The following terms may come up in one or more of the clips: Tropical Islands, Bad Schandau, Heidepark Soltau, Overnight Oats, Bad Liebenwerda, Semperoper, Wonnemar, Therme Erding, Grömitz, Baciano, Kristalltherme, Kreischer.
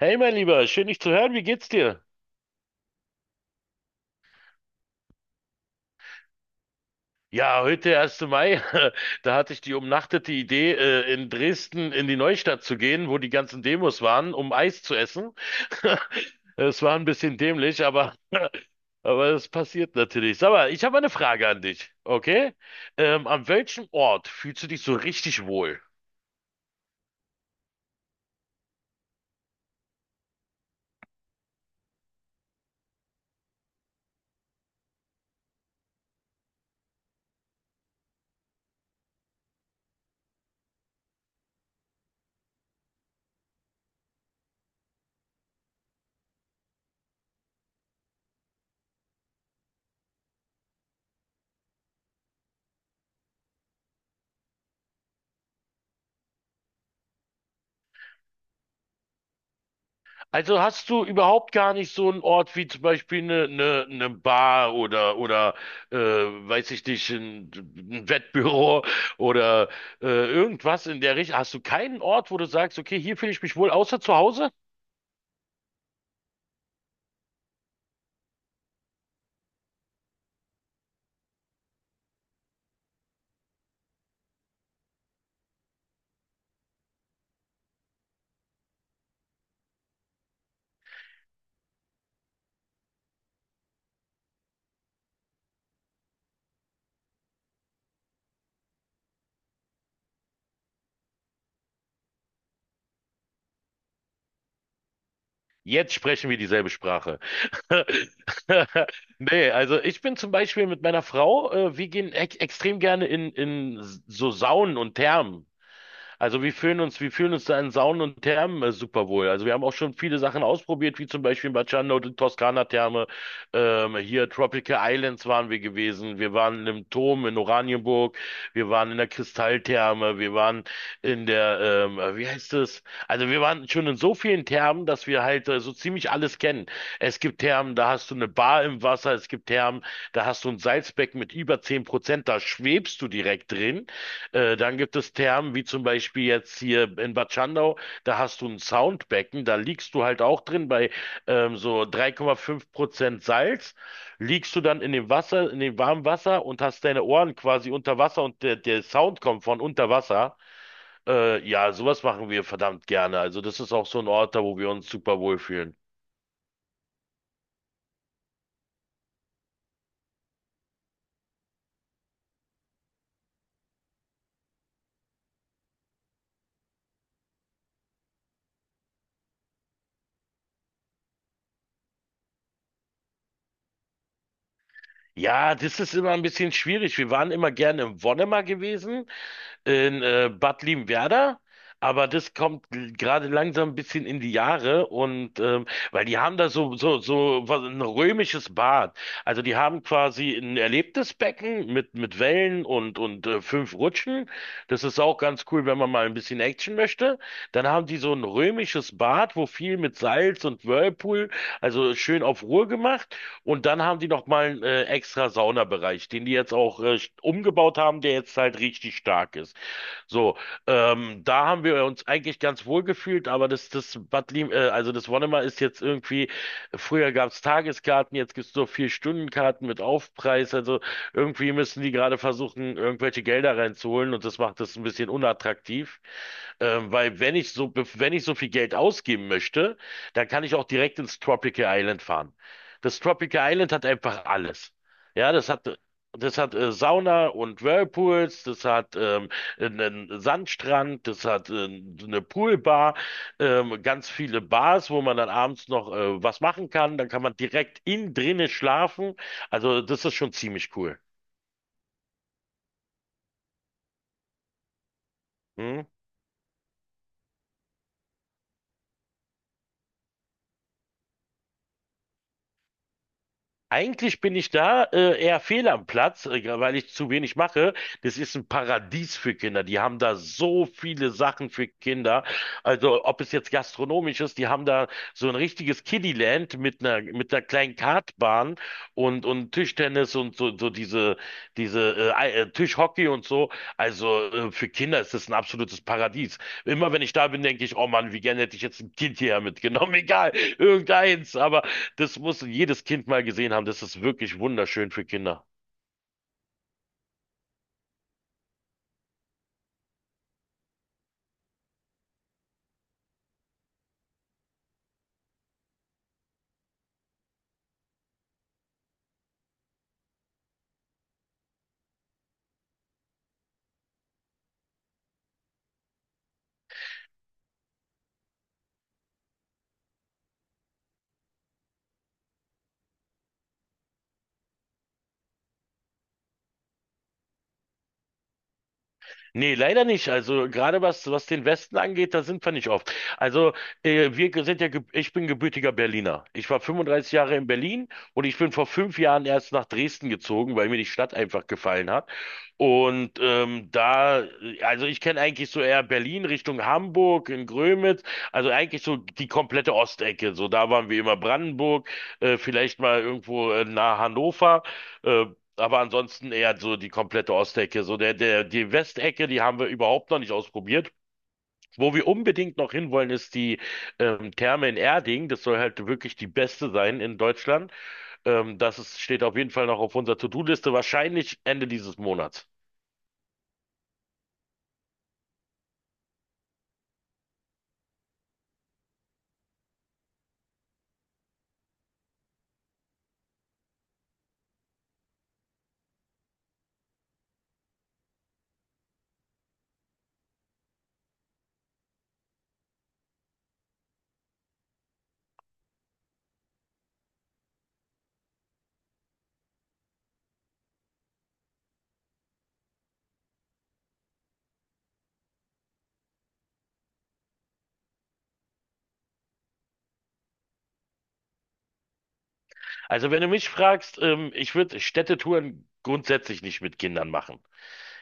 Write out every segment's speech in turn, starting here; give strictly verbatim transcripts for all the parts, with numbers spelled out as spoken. Hey, mein Lieber, schön dich zu hören. Wie geht's dir? Ja, heute, der erste Mai, da hatte ich die umnachtete Idee, äh, in Dresden in die Neustadt zu gehen, wo die ganzen Demos waren, um Eis zu essen. Es war ein bisschen dämlich, aber, aber das passiert natürlich. Sag mal, ich habe eine Frage an dich, okay? Ähm, an welchem Ort fühlst du dich so richtig wohl? Also hast du überhaupt gar nicht so einen Ort wie zum Beispiel eine, eine, eine Bar oder oder äh, weiß ich nicht, ein, ein Wettbüro oder äh, irgendwas in der Richtung. Hast du keinen Ort, wo du sagst, okay, hier fühle ich mich wohl, außer zu Hause? Jetzt sprechen wir dieselbe Sprache. Nee, also ich bin zum Beispiel mit meiner Frau, äh, wir gehen ex extrem gerne in, in so Saunen und Thermen. Also wir fühlen uns, wir fühlen uns da in Saunen und Thermen äh, super wohl. Also wir haben auch schon viele Sachen ausprobiert, wie zum Beispiel in Baciano, die Toskana-Therme, ähm, hier Tropical Islands waren wir gewesen, wir waren im Turm in Oranienburg, wir waren in der Kristalltherme, wir waren in der, ähm, äh, wie heißt es, also wir waren schon in so vielen Thermen, dass wir halt äh, so ziemlich alles kennen. Es gibt Thermen, da hast du eine Bar im Wasser, es gibt Thermen, da hast du ein Salzbecken mit über zehn Prozent, da schwebst du direkt drin. Äh, dann gibt es Thermen, wie zum Beispiel jetzt hier in Bad Schandau, da hast du ein Soundbecken, da liegst du halt auch drin bei ähm, so drei Komma fünf Prozent Salz. Liegst du dann in dem Wasser, in dem warmen Wasser und hast deine Ohren quasi unter Wasser und der, der Sound kommt von unter Wasser. Äh, ja, sowas machen wir verdammt gerne. Also das ist auch so ein Ort, da wo wir uns super wohlfühlen. Ja, das ist immer ein bisschen schwierig. Wir waren immer gerne im Wonnemar gewesen in äh, Bad Liebenwerda, aber das kommt l- gerade langsam ein bisschen in die Jahre, und ähm, weil die haben da so so so was, ein römisches Bad. Also die haben quasi ein erlebtes Becken mit mit Wellen und und äh, fünf Rutschen. Das ist auch ganz cool, wenn man mal ein bisschen Action möchte. Dann haben die so ein römisches Bad, wo viel mit Salz und Whirlpool, also schön auf Ruhe gemacht. Und dann haben die noch mal einen äh, extra Saunabereich, den die jetzt auch äh, umgebaut haben, der jetzt halt richtig stark ist. So, ähm, da haben wir uns eigentlich ganz wohl gefühlt, aber das, das Bad Lim, äh, also das Wonnemar ist jetzt irgendwie, früher gab's Tageskarten, jetzt gibt's nur vier Stundenkarten mit Aufpreis. Also irgendwie müssen die gerade versuchen, irgendwelche Gelder reinzuholen, und das macht das ein bisschen unattraktiv. Ähm, weil wenn ich so, wenn ich so viel Geld ausgeben möchte, dann kann ich auch direkt ins Tropical Island fahren. Das Tropical Island hat einfach alles. Ja, das hat, das hat äh, Sauna und Whirlpools, das hat ähm, einen Sandstrand, das hat äh, eine Poolbar, ähm, ganz viele Bars, wo man dann abends noch äh, was machen kann. Dann kann man direkt innen drinnen schlafen. Also das ist schon ziemlich cool. Hm? Eigentlich bin ich da äh, eher fehl am Platz, äh, weil ich zu wenig mache. Das ist ein Paradies für Kinder. Die haben da so viele Sachen für Kinder. Also ob es jetzt gastronomisch ist, die haben da so ein richtiges Kiddieland mit einer mit einer kleinen Kartbahn und und Tischtennis und so so diese diese äh, Ei- äh, Tischhockey und so. Also äh, für Kinder ist das ein absolutes Paradies. Immer wenn ich da bin, denke ich, oh Mann, wie gerne hätte ich jetzt ein Kind hierher mitgenommen. Egal, irgendeins. Aber das muss jedes Kind mal gesehen haben. Das ist wirklich wunderschön für Kinder. Nee, leider nicht. Also gerade was, was den Westen angeht, da sind wir nicht oft. Also äh, wir sind ja, geb- ich bin gebürtiger Berliner. Ich war fünfunddreißig Jahre in Berlin, und ich bin vor fünf Jahren erst nach Dresden gezogen, weil mir die Stadt einfach gefallen hat. Und ähm, da, äh, also ich kenne eigentlich so eher Berlin Richtung Hamburg in Grömitz, also eigentlich so die komplette Ostecke. So da waren wir immer Brandenburg, äh, vielleicht mal irgendwo äh, nahe Hannover, äh, aber ansonsten eher so die komplette Ostecke. So der, der, die Westecke, die haben wir überhaupt noch nicht ausprobiert. Wo wir unbedingt noch hinwollen, ist die ähm, Therme in Erding. Das soll halt wirklich die beste sein in Deutschland. Ähm, das ist, steht auf jeden Fall noch auf unserer To-Do-Liste, wahrscheinlich Ende dieses Monats. Also wenn du mich fragst, ähm, ich würde Städtetouren grundsätzlich nicht mit Kindern machen.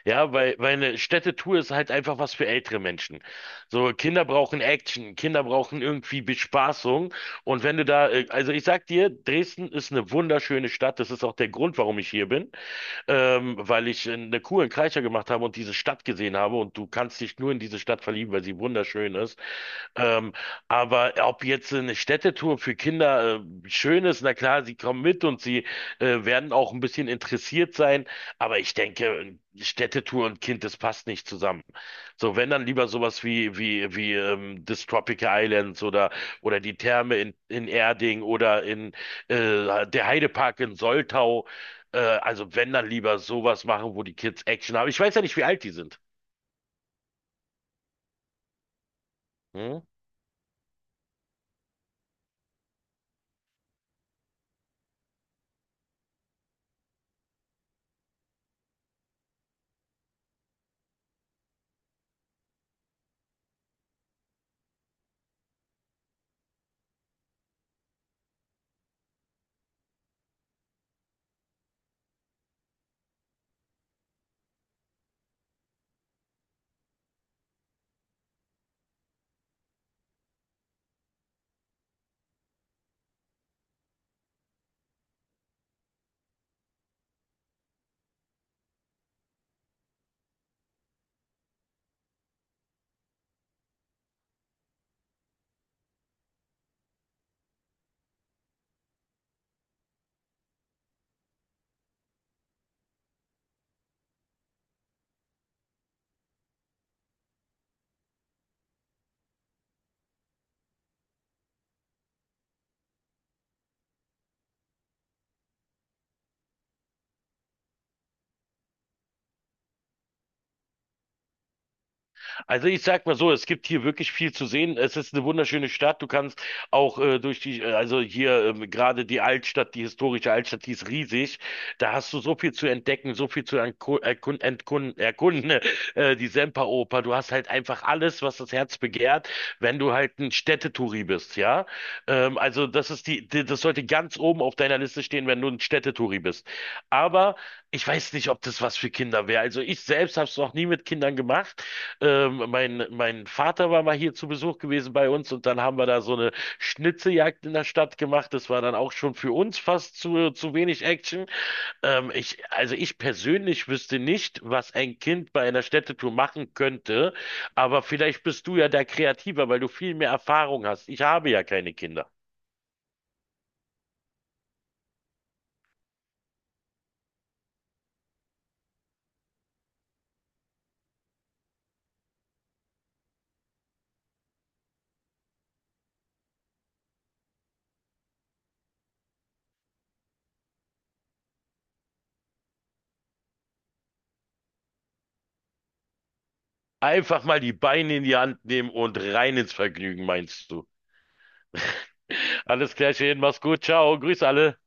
Ja, weil, weil eine Städtetour ist halt einfach was für ältere Menschen. So, Kinder brauchen Action, Kinder brauchen irgendwie Bespaßung. Und wenn du da, äh, Also ich sag dir, Dresden ist eine wunderschöne Stadt. Das ist auch der Grund, warum ich hier bin. Ähm, weil ich äh, eine Kur in Kreischer gemacht habe und diese Stadt gesehen habe. Und du kannst dich nur in diese Stadt verlieben, weil sie wunderschön ist. Ähm, aber ob jetzt eine Städtetour für Kinder äh, schön ist, na klar, sie kommen mit und sie äh, werden auch ein bisschen interessiert sein. Aber ich denke, Städtetour und Kind, das passt nicht zusammen. So, wenn dann lieber sowas wie, wie, wie ähm, das Tropical Islands, oder, oder die Therme in, in Erding oder in äh, der Heidepark in Soltau. Äh, also wenn dann lieber sowas machen, wo die Kids Action haben. Ich weiß ja nicht, wie alt die sind. Hm? Also ich sag mal so, es gibt hier wirklich viel zu sehen. Es ist eine wunderschöne Stadt. Du kannst auch äh, durch die, äh, also hier ähm, gerade die Altstadt, die historische Altstadt, die ist riesig. Da hast du so viel zu entdecken, so viel zu erku- erkun- entkun- erkunden. Äh, die Semperoper, du hast halt einfach alles, was das Herz begehrt, wenn du halt ein Städtetouri bist, ja. Ähm, also das ist die, die, das sollte ganz oben auf deiner Liste stehen, wenn du ein Städtetouri bist. Aber ich weiß nicht, ob das was für Kinder wäre. Also ich selbst habe es noch nie mit Kindern gemacht. Ähm, mein, mein Vater war mal hier zu Besuch gewesen bei uns, und dann haben wir da so eine Schnitzeljagd in der Stadt gemacht. Das war dann auch schon für uns fast zu, zu wenig Action. Ähm, ich, also ich persönlich wüsste nicht, was ein Kind bei einer Städtetour machen könnte, aber vielleicht bist du ja da kreativer, weil du viel mehr Erfahrung hast. Ich habe ja keine Kinder. Einfach mal die Beine in die Hand nehmen und rein ins Vergnügen, meinst du? Alles klar, schön, mach's gut, ciao, grüß alle.